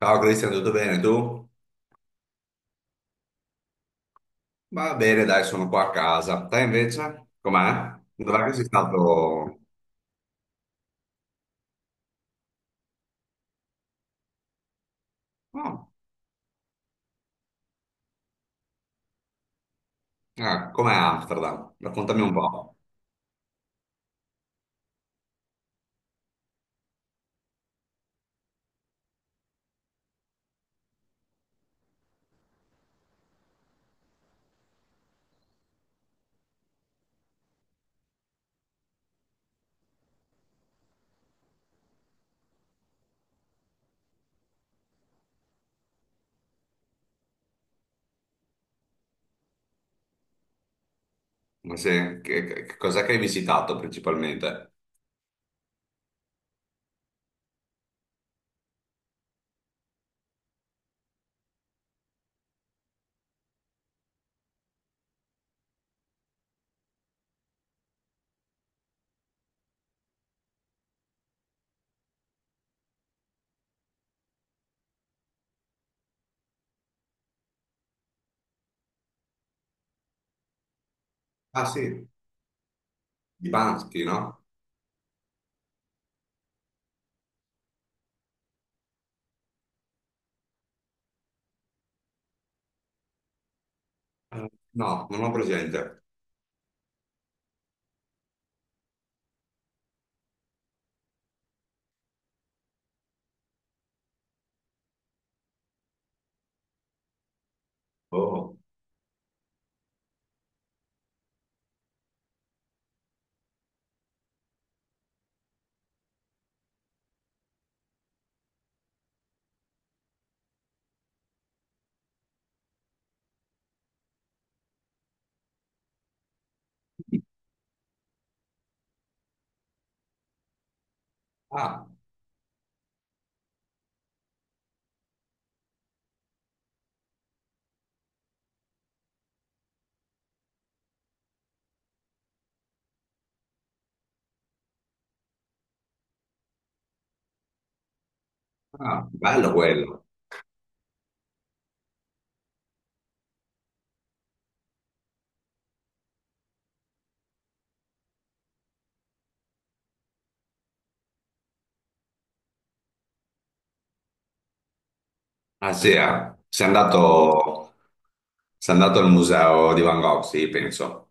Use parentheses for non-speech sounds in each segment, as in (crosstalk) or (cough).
Ciao Cristian, tutto bene tu? Va bene, dai, sono qua a casa. Te invece? Com'è? Dov'è che sei stato? Oh, ah, com'è Amsterdam? Raccontami un po'. Ma se, che, che cos'è che hai visitato principalmente? Ah sì, di Banksy, no? No, non ho presente. Oh. Ah, ah, bello quello. Ah sì, eh. Sei andato al museo di Van Gogh, sì, penso.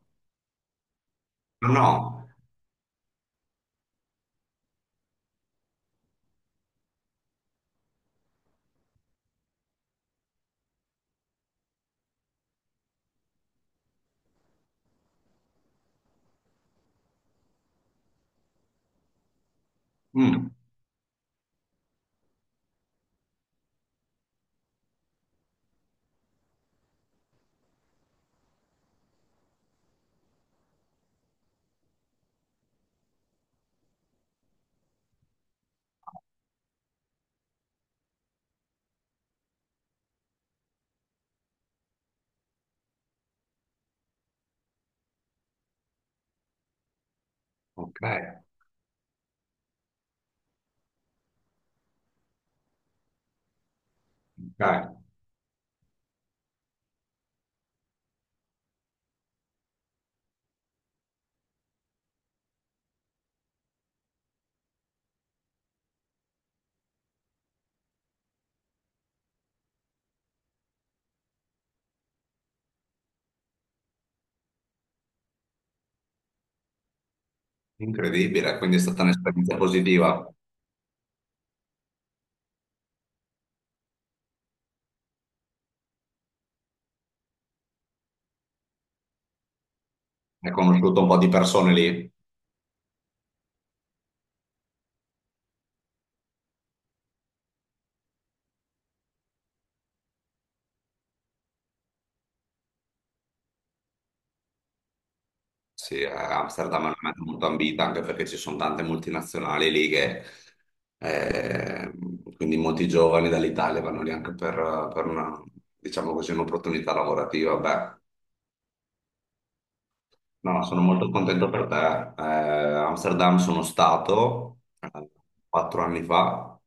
No, no. Mm, ok, ok. Incredibile, quindi è stata un'esperienza positiva. Hai conosciuto un po' di persone lì? Sì, Amsterdam è una meta molto ambita anche perché ci sono tante multinazionali lì che eh, quindi molti giovani dall'Italia vanno lì anche per una, diciamo così, un'opportunità lavorativa. Beh, no, sono molto contento per te. Amsterdam sono stato quattro anni fa,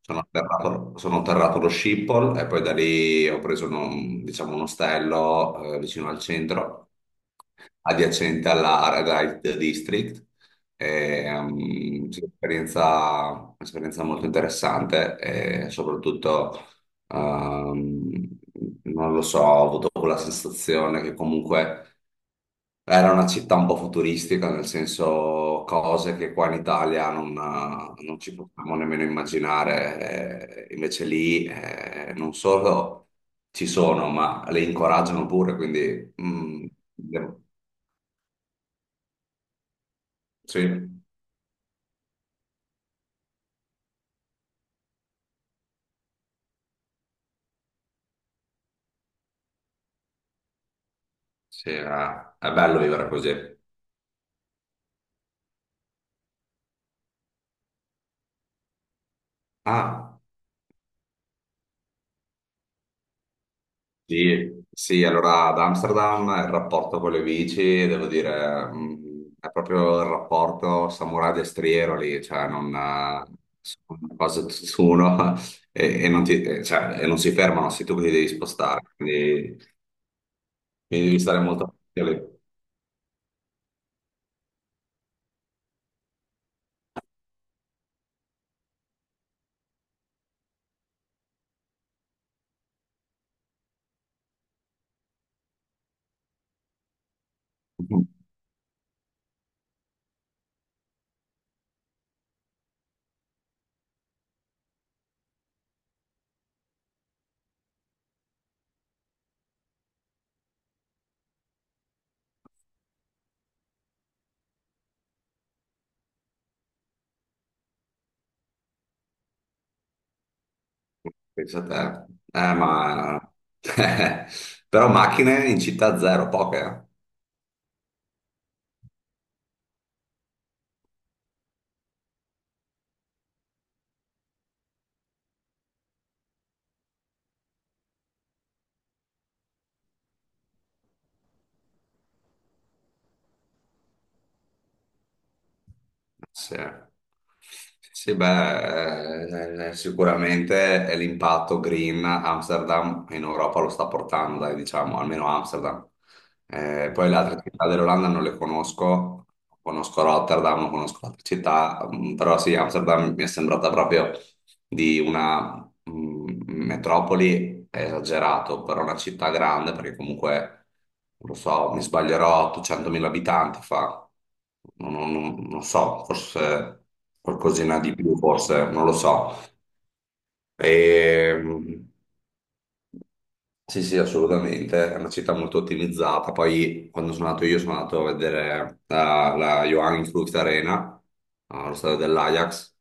sono atterrato allo Schiphol e poi da lì ho preso un, diciamo, un ostello vicino al centro, adiacente alla Red District. E, sì, un'esperienza un'esperienza molto interessante e soprattutto... ehm, non lo so, ho avuto quella sensazione che comunque era una città un po' futuristica, nel senso cose che qua in Italia non, non ci possiamo nemmeno immaginare, invece lì non solo ci sono, ma le incoraggiano pure, quindi devo- sì, sì, è bello vivere così. Ah. Sì, sì, allora ad Amsterdam il rapporto con le bici, devo dire, è proprio il rapporto samurai destriero lì, cioè non sono quasi tutt'uno (laughs) e non ti- cioè, e non si fermano, sei tu che ti devi spostare, quindi, quindi devi stare molto attento lì. Pensa (laughs) a te. Ma... (laughs) Però macchine in città zero, poche. Eh. Sì. Sì, sì, beh, sicuramente è l'impatto green Amsterdam in Europa lo sta portando, dai, diciamo, almeno Amsterdam. Poi le altre città dell'Olanda non le conosco, conosco Rotterdam, non conosco altre città, mm, però sì, Amsterdam mi è sembrata proprio di una mm, metropoli è esagerato, però una città grande, perché comunque, non lo so, mi sbaglierò, 800.000 abitanti fa, non, non so, forse qualcosina di più, forse, non lo so. E, sì, sì, assolutamente, è una città molto ottimizzata. Poi quando sono andato io sono andato a vedere la, la Johan Cruyff Arena, allo stadio dell'Ajax,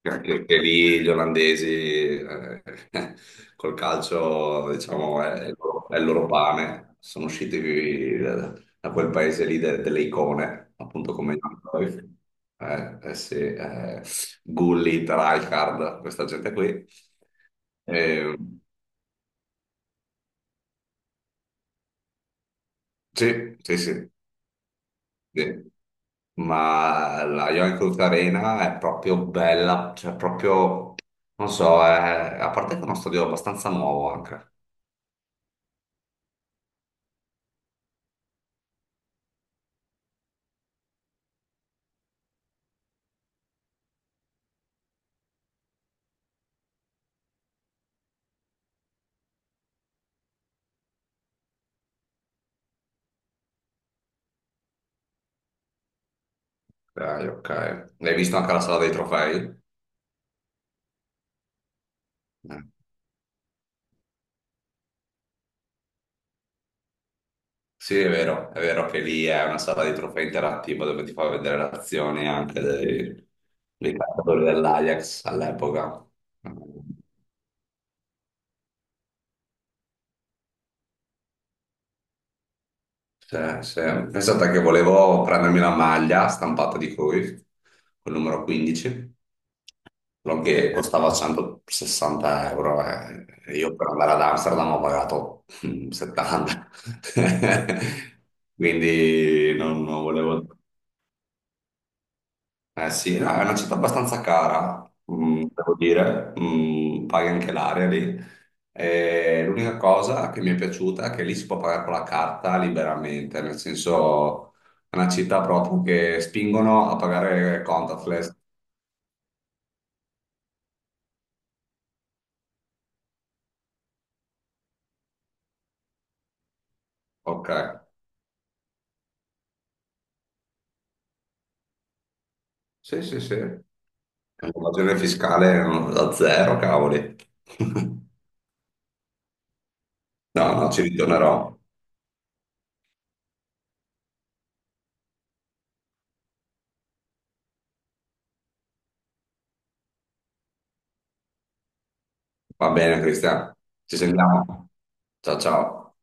che anche che lì gli olandesi eh, (laughs) col calcio, diciamo, è il loro pane. Sono usciti qui da, da quel paese lì delle icone, appunto come Johan Cruyff. Eh sì, Gullit, Rijkaard, questa gente qui. Ehm, Sì, sì. Ma la Yoinkoof Arena è proprio bella, cioè proprio, non so, a parte che è uno stadio abbastanza nuovo anche. Dai, ok. Hai visto anche la sala dei trofei? Eh. Sì, è vero che lì è una sala dei trofei interattiva dove ti fa vedere le azioni anche dei, dei calciatori dell'Ajax all'epoca. Sì, sì. Pensate che volevo prendermi la maglia stampata di Cruyff, col numero 15, quello che costava 160 euro eh. E io per andare ad Amsterdam ho pagato 70. (laughs) Quindi non, non volevo eh sì, no, è una città abbastanza cara, mm, devo dire, mm, paghi anche l'aria lì. E l'unica cosa che mi è piaciuta è che lì si può pagare con la carta liberamente, nel senso è una città proprio che spingono a pagare contactless. Ok, sì, sì, sì. L'invasione fiscale mm, da zero, cavoli. (laughs) No, no, ci ritornerò. Va bene, Cristian, ci sentiamo. Ciao, ciao.